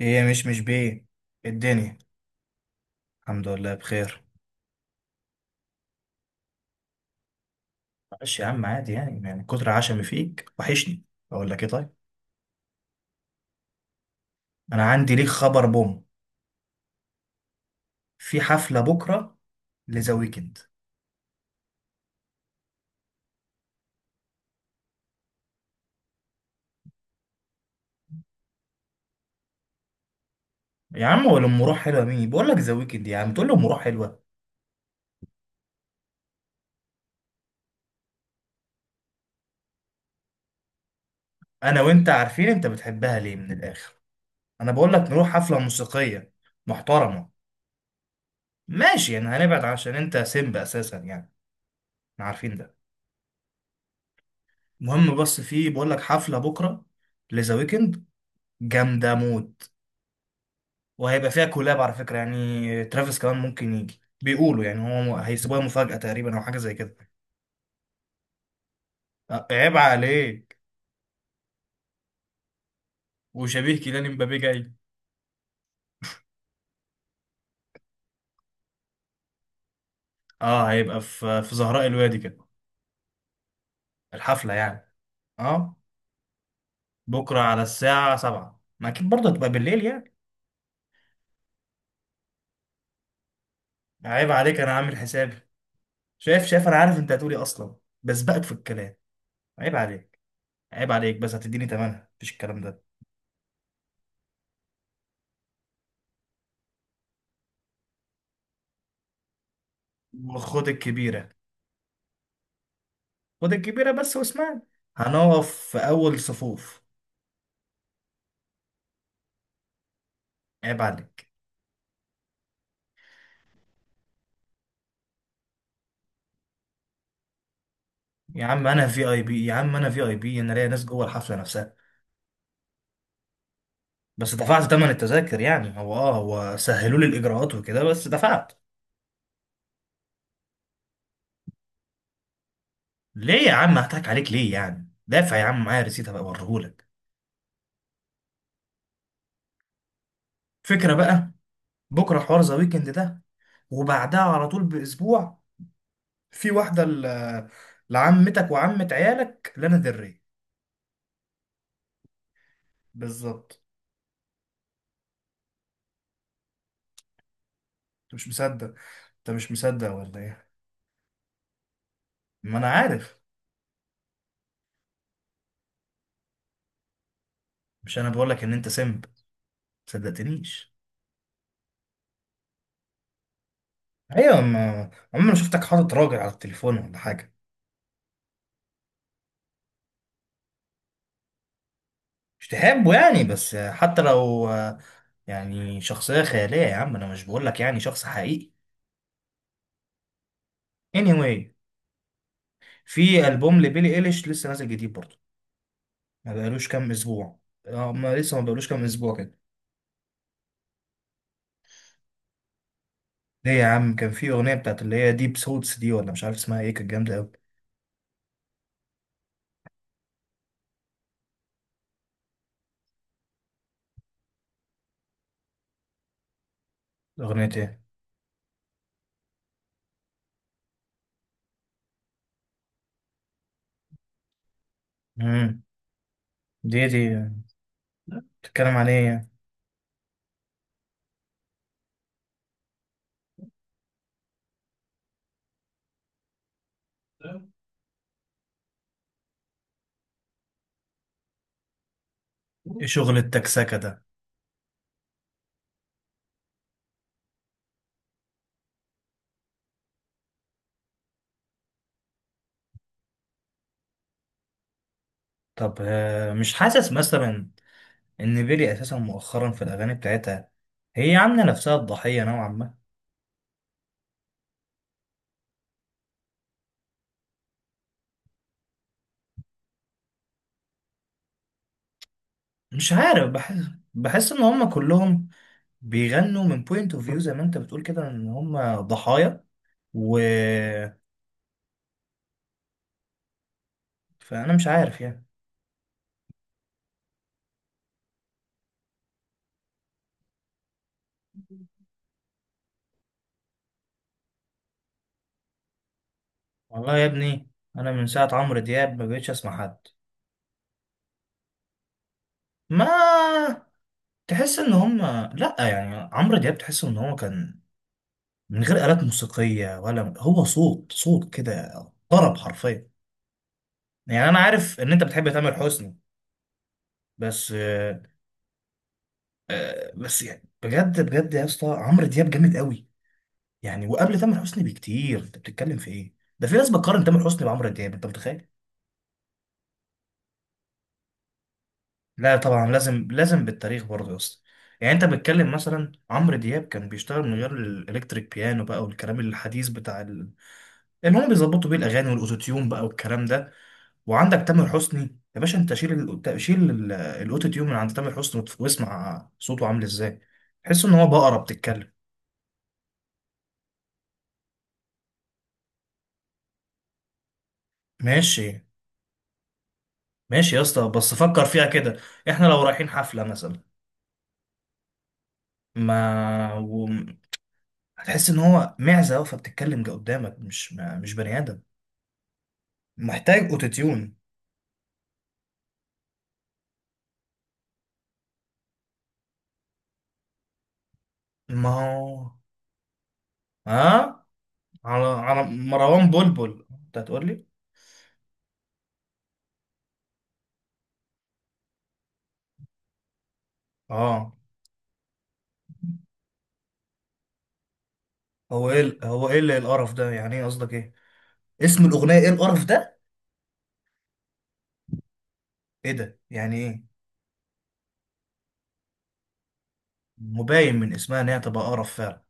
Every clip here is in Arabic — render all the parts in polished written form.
ايه، مش بيه الدنيا. الحمد لله بخير. معلش يا عم، عادي، يعني كتر عشمي فيك، وحشني. اقول لك ايه؟ طيب، انا عندي ليك خبر بوم. في حفله بكره، لذا ويكند. يا عم، ولا ام روح حلوه؟ مين بقول لك ذا ويكند يا عم تقول لي ام روح حلوه! انا وانت عارفين انت بتحبها ليه، من الاخر. انا بقول لك نروح حفله موسيقيه محترمه. ماشي، يعني هنبعد عشان انت سيمب اساسا يعني. احنا عارفين ده. المهم، بس في، بقول لك حفله بكره، لذا ويكند. جامده موت. وهيبقى فيها كولاب على فكرة، يعني ترافيس كمان ممكن يجي، بيقولوا يعني. هو هيسيبوها مفاجأة تقريبا، أو حاجة زي كده. أه، عيب عليك. وشبيه كيليان مبابي جاي. اه، هيبقى في زهراء الوادي كده. الحفلة يعني. اه. بكرة على الساعة سبعة ما أكيد برضه هتبقى بالليل يعني. عيب عليك، أنا عامل حسابي. شايف، أنا عارف أنت هتقولي أصلا، بس بقت في الكلام. عيب عليك. عيب عليك، بس هتديني تمنها، مفيش الكلام ده. وخد الكبيرة. خد الكبيرة بس، واسمعني. هنقف في أول صفوف. عيب عليك. يا عم انا في اي بي، يا عم انا في اي بي، انا ليا ناس جوه الحفله نفسها. بس دفعت ثمن التذاكر يعني، هو سهلوا لي الاجراءات وكده، بس دفعت. ليه يا عم؟ هضحك عليك ليه يعني؟ دافع يا عم، معايا ريسيت هبقى اوريهولك. فكره بقى. بكره حوار ذا ويكند ده. وبعدها على طول باسبوع في واحده، لعمتك وعمه عيالك، لنا دري. بالظبط. انت مش مصدق. انت مش مصدق ولا ايه؟ ما انا عارف. مش انا بقول لك ان انت سمب ما صدقتنيش؟ ايوه، ما عمري ما شفتك حاطط راجل على التليفون ولا حاجه. مش تحبه يعني؟ بس حتى لو، يعني شخصيه خياليه يا عم، انا مش بقول لك يعني شخص حقيقي. Anyway، في البوم لبيلي ايليش لسه نازل جديد برضه، ما بقالوش كام اسبوع. آه، ما لسه ما بقالوش كام اسبوع كده. ليه يا عم؟ كان في اغنيه بتاعت اللي هي ديب سوتس دي، ولا مش عارف اسمها ايه، كانت جامده قوي. اغنيه ايه؟ امم. دي، بتتكلم عن ايه يعني؟ ايه شغل التكسكه ده؟ طب، مش حاسس مثلا ان بيلي اساسا مؤخرا في الاغاني بتاعتها هي عامله نفسها الضحيه نوعا ما؟ مش عارف، بحس ان هم كلهم بيغنوا من بوينت اوف فيو، زي ما انت بتقول كده، ان هم ضحايا. و فانا مش عارف يعني. والله يا ابني، انا من ساعه عمرو دياب ما بقتش اسمع حد. ما تحس ان هم، لا يعني عمرو دياب تحس ان هو كان من غير آلات موسيقيه، ولا هو صوت صوت كده، طرب حرفيا. يعني انا عارف ان انت بتحب تامر حسني، بس بس يعني، بجد بجد يا اسطى، عمرو دياب جامد قوي. يعني وقبل تامر حسني بكتير، انت بتتكلم في ايه ده؟ في ناس بتقارن تامر حسني بعمرو دياب، انت متخيل؟ لا طبعا، لازم لازم بالتاريخ برضه يا اسطى. يعني انت بتتكلم مثلا، عمرو دياب كان بيشتغل من غير الالكتريك بيانو بقى، والكلام الحديث بتاع اللي هم بيظبطوا بيه الاغاني، والاوتوتيون بقى، والكلام ده. وعندك تامر حسني، يا باشا انت شيل الاوتوتيون من عند تامر حسني، واسمع صوته عامل ازاي. تحس ان هو بقرة بتتكلم. ماشي، ماشي يا اسطى، بس فكر فيها كده. احنا لو رايحين حفلة مثلا، ما و... هتحس ان هو معزة واقفة بتتكلم قدامك، مش بني ادم، محتاج اوتوتيون. ما هو، ها، على مروان بلبل انت هتقول لي؟ اه، هو ايه اللي إيه القرف ده، يعني ايه قصدك ايه؟ اسم الاغنية ايه القرف ده؟ ايه ده يعني ايه؟ مبين من اسمها ان هي تبقى قرف فعلا.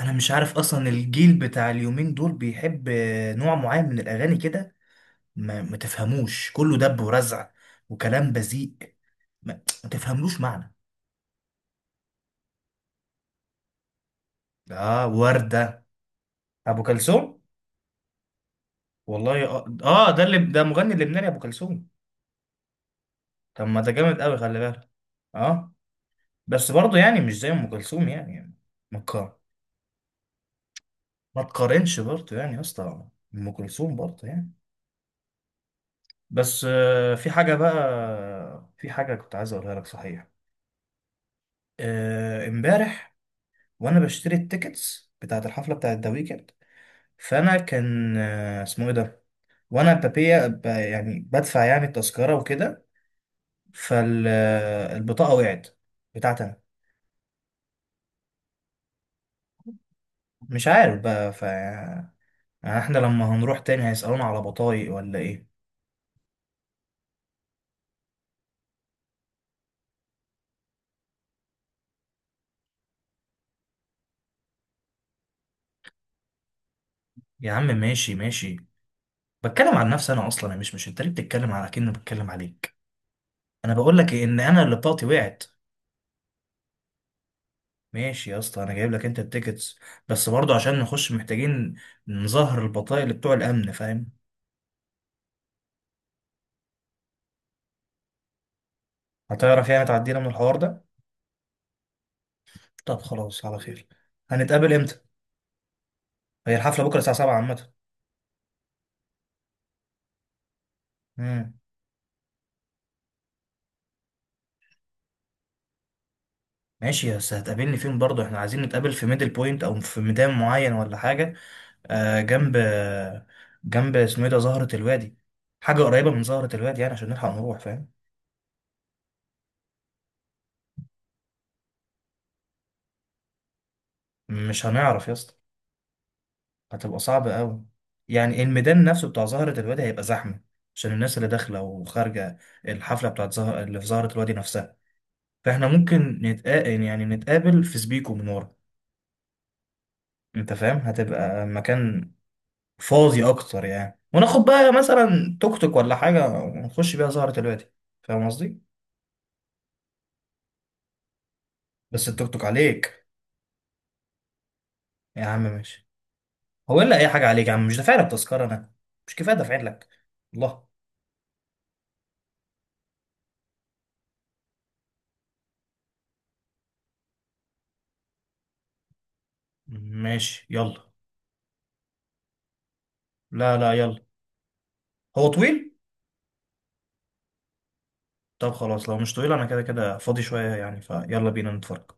انا مش عارف اصلا الجيل بتاع اليومين دول بيحب نوع معين من الاغاني كده. ما تفهموش، كله دب ورزع وكلام بذيء. ما, ما تفهملوش معنى. اه، وردة. ابو كلثوم؟ والله اه، ده اللي ده مغني لبناني ابو كلثوم. طب ما ده جامد قوي، خلي بالك. اه. بس برضه يعني مش زي ام كلثوم يعني. ما تقا- ما تقارنش برضه يعني يا اسطى، ام كلثوم برضه يعني. بس في حاجة بقى، في حاجة كنت عايز اقولها لك صحيح. امبارح وانا بشتري التيكتس بتاعت الحفلة بتاعت ذا ويكند، فانا كان اسمه ايه ده، وانا بابيا يعني بدفع، يعني التذكره وكده، فالبطاقه وقعت، بتاعتي انا. مش عارف بقى، يعني احنا لما هنروح تاني هيسالونا على بطايق ولا ايه؟ يا عم ماشي، ماشي. بتكلم عن نفسي انا، اصلا انا مش، انت ليه بتتكلم على كأني بتكلم عليك؟ انا بقول لك إيه، ان انا اللي بطاقتي وقعت. ماشي يا اسطى، انا جايب لك انت التيكتس، بس برضه عشان نخش محتاجين نظهر البطايق اللي بتوع الامن، فاهم؟ هتعرف يعني تعدينا من الحوار ده؟ طب خلاص، على خير. هنتقابل امتى؟ هي الحفله بكره الساعه 7 عامه. امم. ماشي، بس هتقابلني فين برضه؟ احنا عايزين نتقابل في ميدل بوينت او في ميدان معين ولا حاجه؟ آه جنب جنب اسمه ايه ده، زهره الوادي. حاجه قريبه من زهره الوادي يعني، عشان نلحق نروح، فاهم؟ مش هنعرف يا اسطى، هتبقى صعبه قوي. يعني الميدان نفسه بتاع زهره الوادي هيبقى زحمه، عشان الناس اللي داخله وخارجه، الحفله بتاعت زهر اللي في زهره الوادي نفسها. فاحنا ممكن نتقابل، يعني نتقابل في سبيكو من ورا، انت فاهم؟ هتبقى مكان فاضي اكتر يعني، وناخد بقى مثلا توك توك ولا حاجه، ونخش بيها سهره الوادي، فاهم قصدي؟ بس التوك توك عليك. يا عم ماشي، هو الا اي حاجه عليك يا عم؟ مش دافع لك تذكره انا؟ مش كفايه دافع لك؟ الله. ماشي، يلا. لا، لا، يلا. هو طويل؟ طب خلاص، لو مش طويل انا كده كده فاضي شويه يعني، فيلا بينا نتفرج.